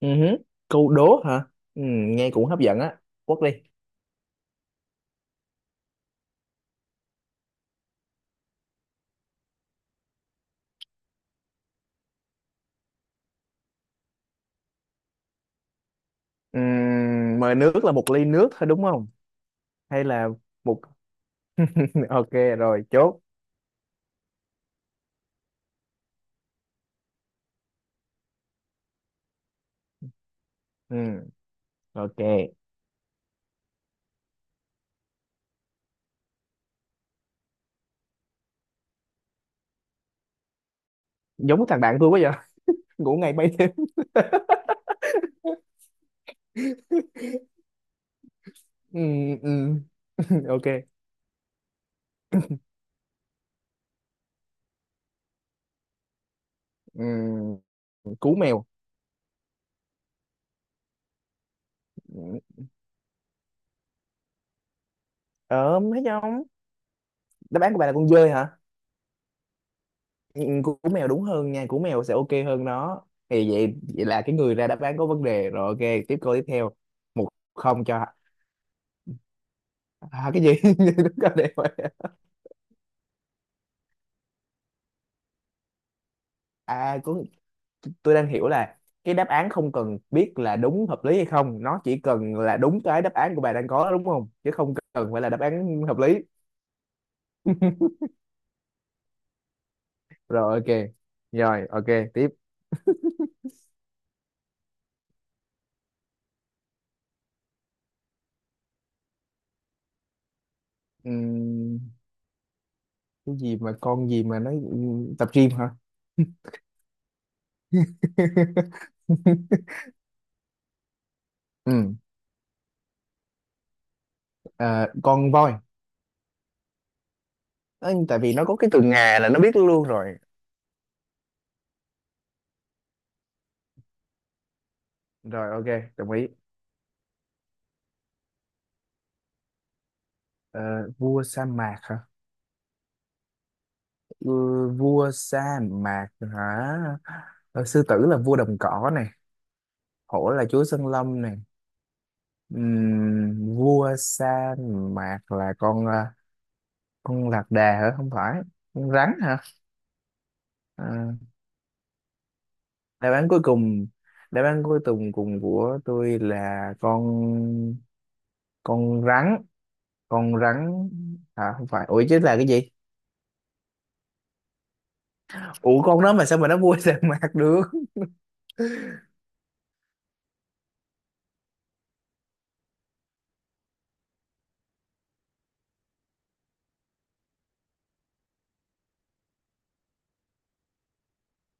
Ừ hứ. Câu đố hả? Ừ, nghe cũng hấp dẫn á. Quất đi. Mời nước là một ly nước thôi đúng không? Hay là một... ok rồi, chốt. Ừ, ok. Giống thằng bạn tôi quá vậy. Ngủ ngày bay đêm. Ừ, ừ, ok. Ừ, cú mèo. Ừ. Ờ, Thấy không? Đáp án của bạn là con dơi hả? Ừ, cú cú mèo đúng hơn nha. Cú mèo sẽ ok hơn nó. Thì vậy, vậy là cái người ra đáp án có vấn đề. Rồi, ok, tiếp câu tiếp theo. Một, không cho. Cái gì? Đúng rồi, đẹp rồi. À cũng Tôi đang hiểu là cái đáp án không cần biết là đúng hợp lý hay không, nó chỉ cần là đúng. Cái đáp án của bà đang có đúng không, chứ không cần phải là đáp án hợp lý. Rồi, ok. Rồi, ok, tiếp. Ừm, cái gì mà con gì mà nó tập gym hả? ừ con voi. Ờ, Tại vì nó có cái từ ngà là nó biết luôn rồi. Rồi, ok, đồng ý. Ờ, Vua sa mạc hả? Ừ, vua sa mạc hả? Sư tử là vua đồng cỏ này, hổ là chúa sân lâm này. Vua sa mạc là con lạc đà hả? Không phải. Con rắn hả? à, đáp án cuối cùng, đáp án cuối cùng cùng của tôi là con rắn. Con rắn. Không phải, ủa chứ là cái gì? Ủa con đó mà sao mà nó vua sa mạc được?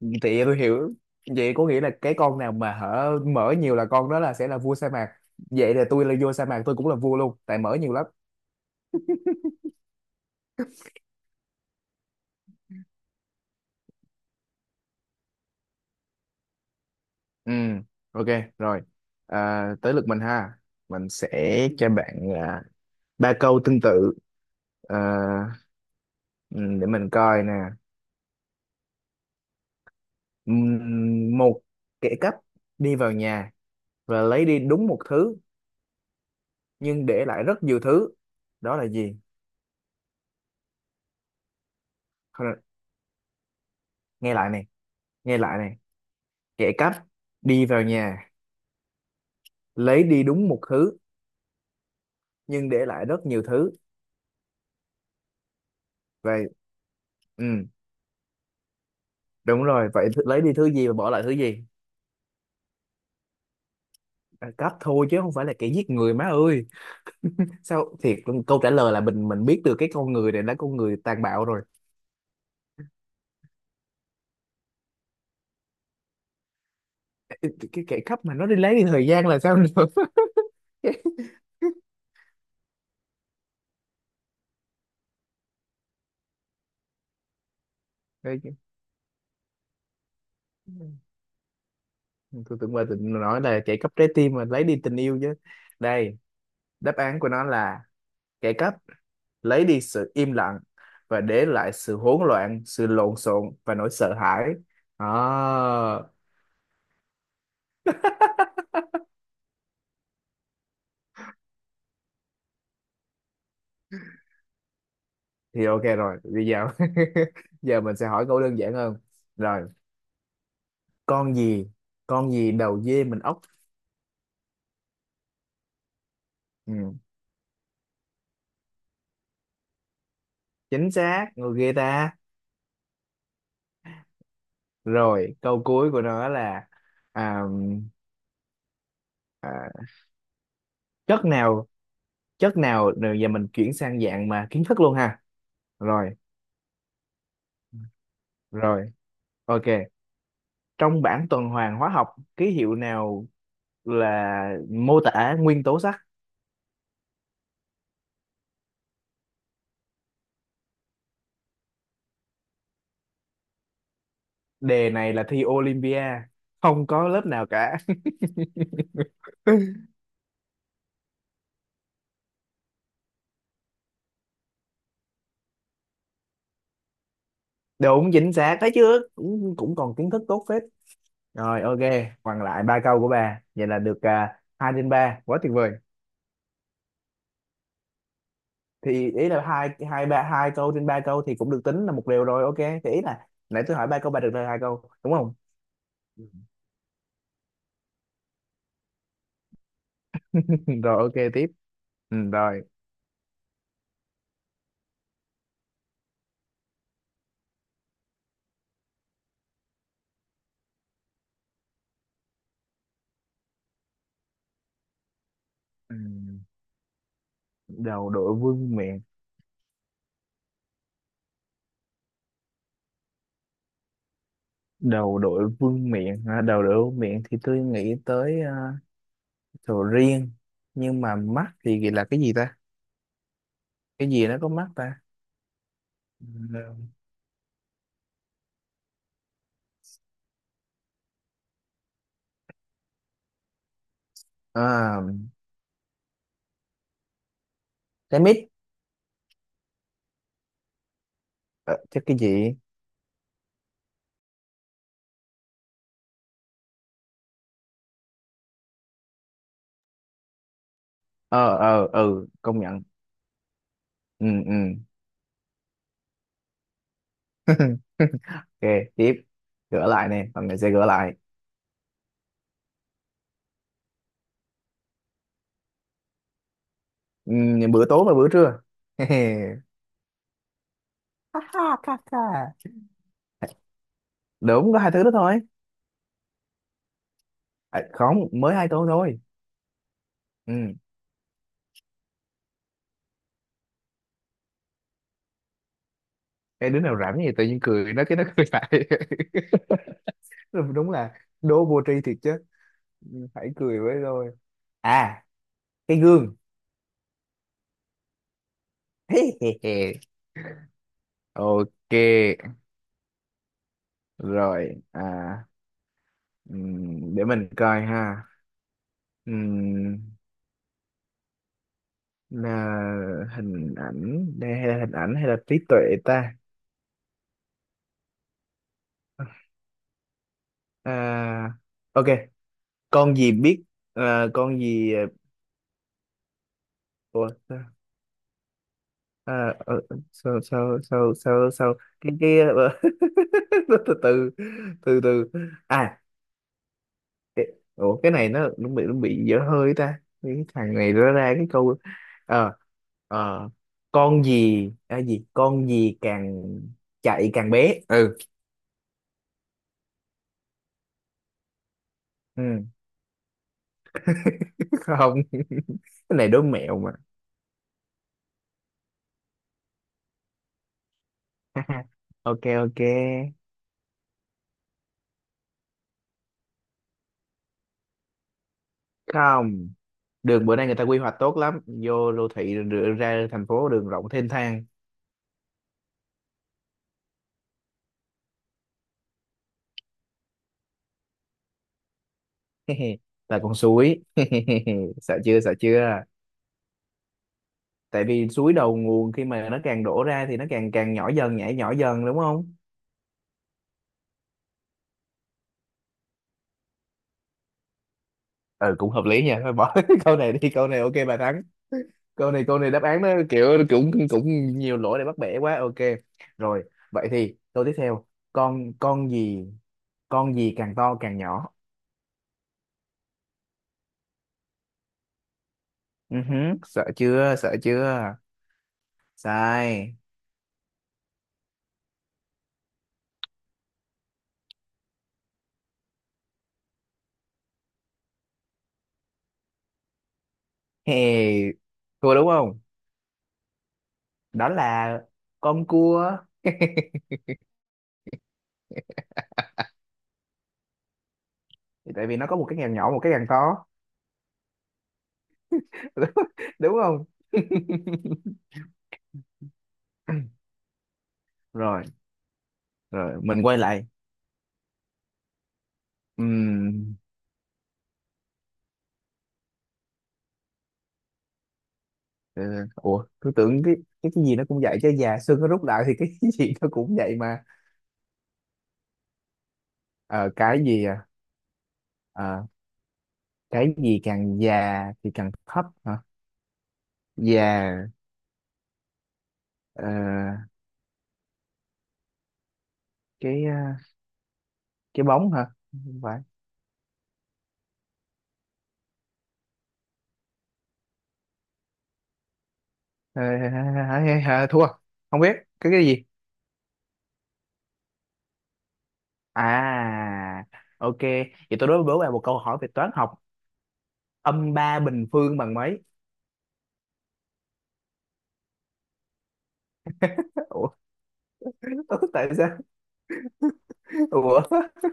Thì tôi hiểu, vậy có nghĩa là cái con nào mà hở mở nhiều là con đó là sẽ là vua sa mạc. Vậy là tôi là vua sa mạc, tôi cũng là vua luôn tại mở nhiều lắm. Ừ, ok, rồi. À, tới lượt mình ha. Mình sẽ cho bạn ba câu tương tự. À, ừ, để mình coi nè. Một kẻ cắp đi vào nhà và lấy đi đúng một thứ nhưng để lại rất nhiều thứ. Đó là gì? Thôi. Nghe lại này, nghe lại này. Kẻ cắp đi vào nhà, lấy đi đúng một thứ nhưng để lại rất nhiều thứ. Vậy. Ừ, đúng rồi, vậy lấy đi thứ gì và bỏ lại thứ gì? À, cắp thôi chứ không phải là kẻ giết người má ơi. Sao thiệt, câu trả lời là mình biết được cái con người này là con người tàn bạo rồi. Cái kẻ cắp mà nó đi lấy đi thời gian là sao nữa? Đây, tôi tưởng bà định nói là kẻ cắp trái tim mà lấy đi tình yêu chứ. Đây, đáp án của nó là kẻ cắp lấy đi sự im lặng và để lại sự hỗn loạn, sự lộn xộn và nỗi sợ hãi. Đó. Thì ok rồi, bây giờ giờ mình sẽ hỏi câu đơn giản hơn. Rồi, con gì? Con gì đầu dê mình ốc? Ừ, chính xác, người ghê ta. Rồi, câu cuối của nó là à, à, chất nào, chất nào. Rồi giờ mình chuyển sang dạng mà kiến thức luôn ha. Rồi, rồi, ok. Trong bảng tuần hoàn hóa học, ký hiệu nào là mô tả nguyên tố sắt? Đề này là thi Olympia, không có lớp nào cả. Đúng, chính xác, thấy chưa, cũng còn kiến thức tốt phết. Rồi, ok, còn lại ba câu của bà vậy là được, hai trên ba quá tuyệt vời. Thì ý là hai hai ba hai câu trên ba câu thì cũng được tính là một điều. Rồi, ok. Thì ý là nãy tôi hỏi ba câu, bà được lời hai câu đúng không? Rồi, ok, tiếp. Ừ, rồi. ừ, Đầu đội vương miện. Đầu đội vương miện hả? Đầu đội vương miện thì tôi nghĩ tới sầu riêng. Nhưng mà mắt thì là cái gì ta? Cái gì nó có mắt ta? à, cái mít. Ờ, chắc cái gì? Ờ ừ, công nhận. Ừ, ừ. Ok, tiếp. Gỡ lại nè, phần này sẽ gỡ lại. ừ, Bữa tối và bữa trưa. Ha ha, ha, ha. Đúng, có hai thứ đó thôi. Không, mới hai tuần thôi. Ừ. Cái đứa nào rảnh gì tự nhiên cười nó cái nó cười lại. Đúng là đố vô tri thiệt chứ. Ừ, hãy cười với tôi. à cái gương. Ok, rồi. Để mình coi ha. Ừm, là hình ảnh hay là trí tuệ ta? à ok, con gì biết? à, con gì à, Ủa, à, ờ, sao sao sao sao sao cái từ từ. Từ từ. à Ủa cái này nó bị dở hơi ta, cái thằng này nó ra cái câu. ờ ờ con gì càng chạy càng bé. Ừ, ừ. Không, cái này đố mẹo mà. Ok, ok. Không, đường bữa nay người ta quy hoạch tốt lắm, vô đô thị rồi đưa ra thành phố, đường rộng thênh thang. Là con suối. Sợ chưa, sợ chưa. Tại vì suối đầu nguồn, khi mà nó càng đổ ra thì nó càng càng nhỏ dần, nhảy nhỏ dần đúng không? Ừ, cũng hợp lý nha, thôi bỏ cái câu này đi, câu này ok bà thắng. Câu này đáp án nó kiểu cũng cũng nhiều lỗi để bắt bẻ quá, ok. Rồi, vậy thì câu tiếp theo. Con gì, con gì càng to càng nhỏ? Ừ hứ, sợ chưa, sợ chưa. Sai. Hey, thua đúng không? Đó là con cua. Tại vì nó có một cái càng nhỏ, một cái càng to. Đúng không? Rồi, rồi, mình quay lại. Ừm, Ờ, ủa tôi tưởng cái gì nó cũng vậy, chứ già xương nó rút lại thì cái gì nó cũng vậy mà. Ờ, cái gì Ờ, cái gì càng già thì càng thấp hả? Già. ờ, cái ờ, cái bóng hả? Không phải. Ờ, Hả, hả, hả, thua, không biết cái gì. à ok, vậy tôi đối với bạn một câu hỏi về toán học. Âm ba bình phương bằng mấy? Ủa, tại sao? Ủa.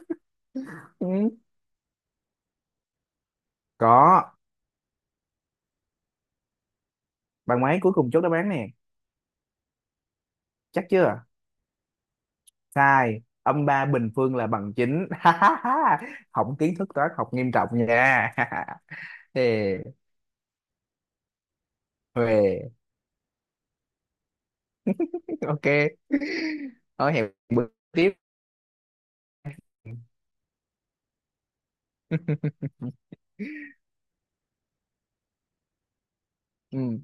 Ừ, có. Bằng mấy cuối cùng, chốt đáp án nè. Chắc chưa? Sai, âm ba bình phương là bằng chín. Hỏng kiến thức toán học nghiêm trọng nha. Ê, huề, ok, nói hẹn bữa tiếp. Ừ.